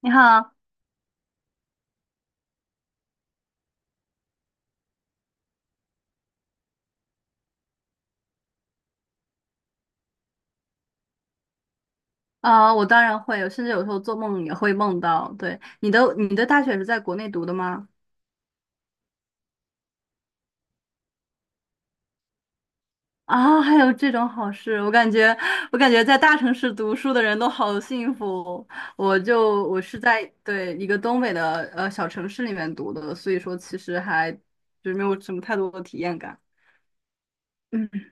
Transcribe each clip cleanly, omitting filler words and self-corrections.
你好，我当然会，甚至有时候做梦也会梦到。对，你的大学是在国内读的吗？啊，还有这种好事，我感觉在大城市读书的人都好幸福。我是在对一个东北的小城市里面读的，所以说其实还就是没有什么太多的体验感。嗯，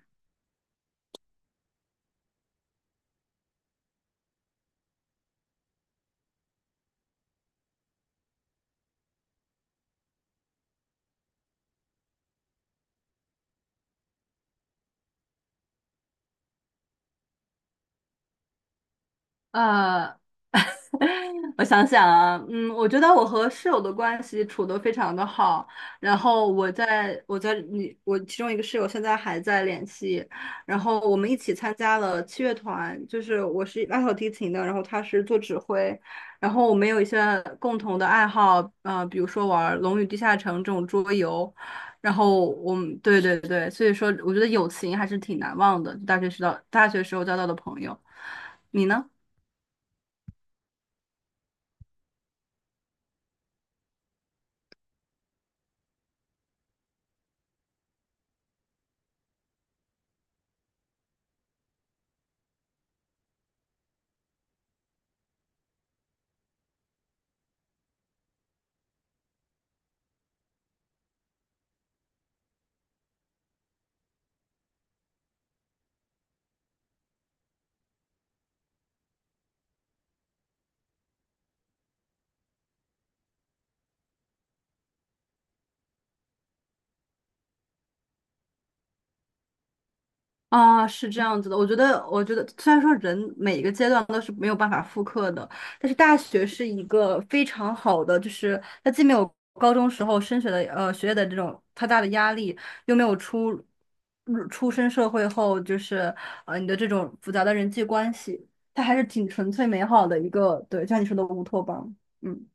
呃，我想想啊，我觉得我和室友的关系处得非常的好，然后我在我在你我其中一个室友现在还在联系，然后我们一起参加了七乐团，就是我是拉小提琴的，然后他是做指挥，然后我们有一些共同的爱好，比如说玩《龙与地下城》这种桌游，然后我们对对对，所以说我觉得友情还是挺难忘的，大学时候交到的朋友，你呢？啊，是这样子的，我觉得，我觉得虽然说人每一个阶段都是没有办法复刻的，但是大学是一个非常好的，就是它既没有高中时候升学的学业的这种太大的压力，又没有出身社会后就是你的这种复杂的人际关系，它还是挺纯粹美好的一个，对，就像你说的乌托邦。嗯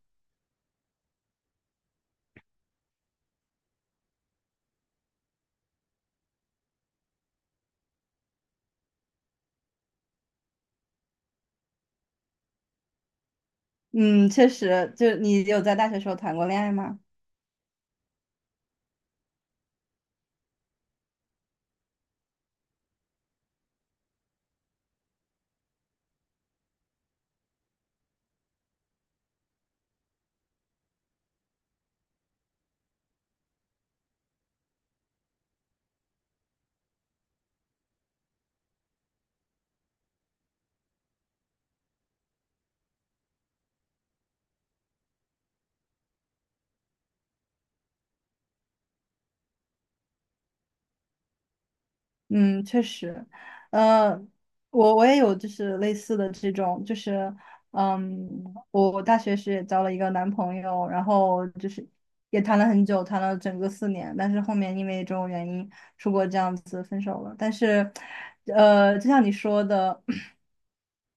嗯，确实，就你有在大学时候谈过恋爱吗？嗯，确实，呃，我也有就是类似的这种，就是，嗯，我大学时也交了一个男朋友，然后就是也谈了很久，谈了整个4年，但是后面因为种种原因出国这样子分手了。但是，就像你说的，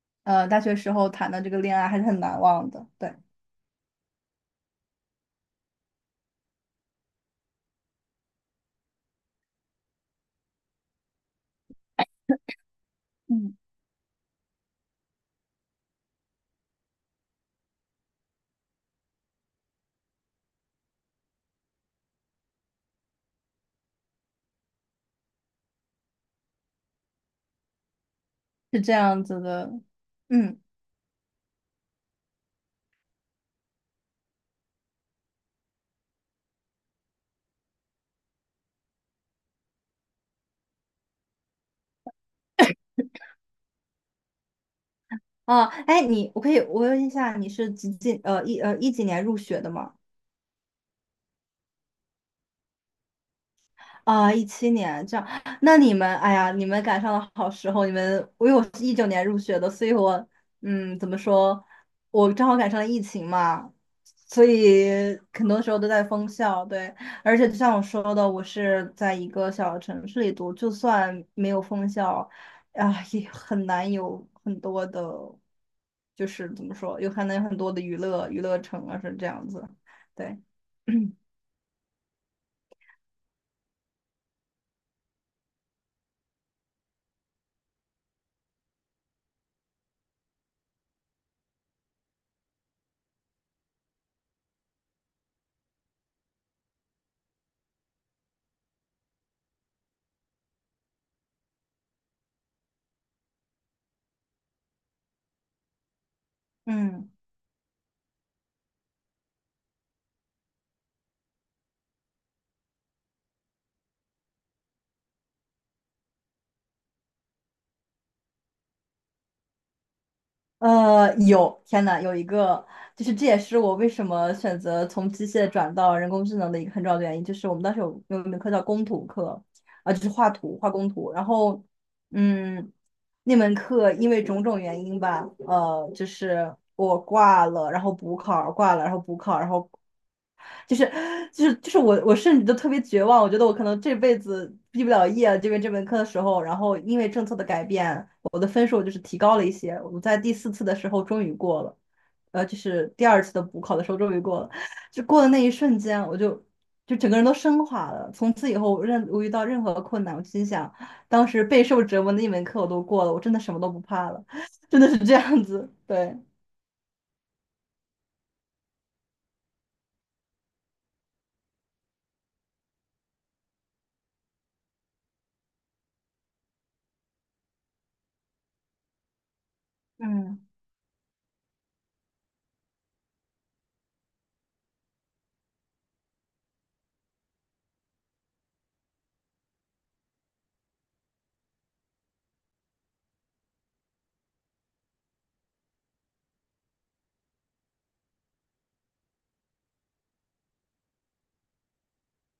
大学时候谈的这个恋爱还是很难忘的，对，嗯，是这样子的，嗯，哦，哎，你我可以我问一下，你是几几呃一呃一几年入学的吗？啊，2017年这样，那你们，哎呀，你们赶上了好时候。你们，因为我是2019年入学的，所以我，怎么说，我正好赶上了疫情嘛，所以很多时候都在封校。对，而且就像我说的，我是在一个小城市里读，就算没有封校，啊，也很难有很多的，就是怎么说，很难有很多的娱乐城啊，是这样子。对，嗯。有，天呐，有一个，就是这也是我为什么选择从机械转到人工智能的一个很重要的原因，就是我们当时有一门课叫工图课，啊、就是画图、画工图，然后，嗯，那门课因为种种原因吧，就是我挂了，然后补考挂了，然后补考，然后就是就是我甚至都特别绝望，我觉得我可能这辈子毕不了业这边这门课的时候，然后因为政策的改变，我的分数就是提高了一些，我在第四次的时候终于过了，就是第二次的补考的时候终于过了，就过的那一瞬间，我就整个人都升华了，从此以后我遇到任何困难，我心想，当时备受折磨的一门课我都过了，我真的什么都不怕了，真的是这样子，对，嗯，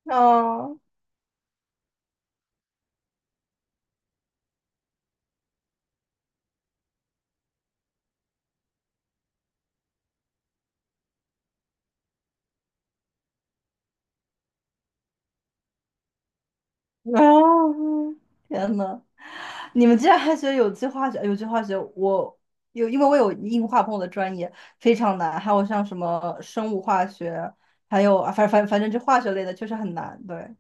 啊哦，天呐。你们竟然还学有机化学？有机化学，我有，因为我有硬化碰的专业非常难，还有像什么生物化学，还有啊，反正这化学类的确实很难。对，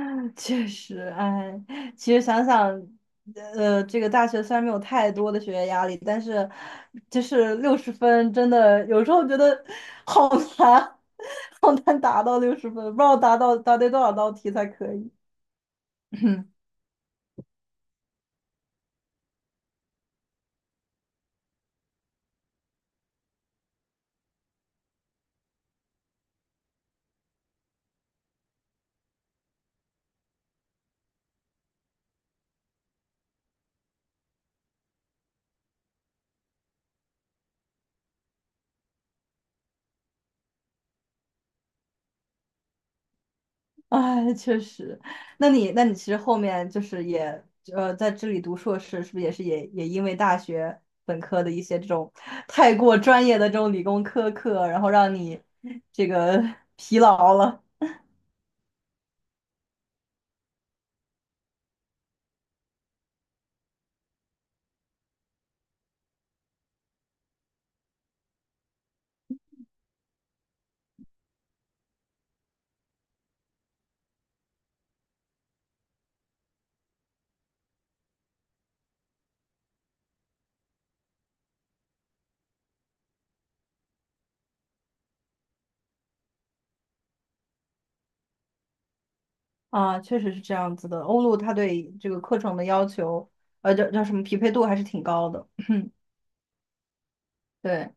确实，哎，其实想想，这个大学虽然没有太多的学业压力，但是就是六十分真的有时候觉得好难，好难达到60分，不知道达到答对多少道题才可以。哎，确实。那你其实后面就是也在这里读硕士，是不是也因为大学本科的一些这种太过专业的这种理工科课，然后让你这个 疲劳了啊？确实是这样子的。欧陆它对这个课程的要求，叫什么匹配度还是挺高的。对。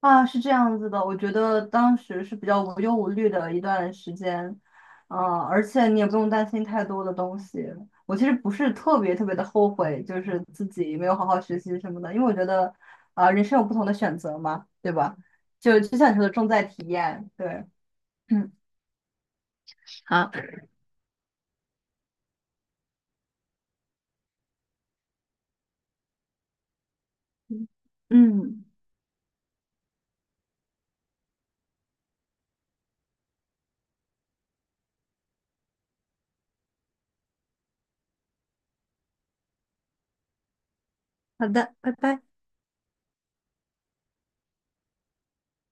啊，是这样子的，我觉得当时是比较无忧无虑的一段时间，而且你也不用担心太多的东西。我其实不是特别特别的后悔，就是自己没有好好学习什么的，因为我觉得，啊、人生有不同的选择嘛，对吧？就就像你说的，重在体验，对，嗯，好，嗯，好的，拜拜。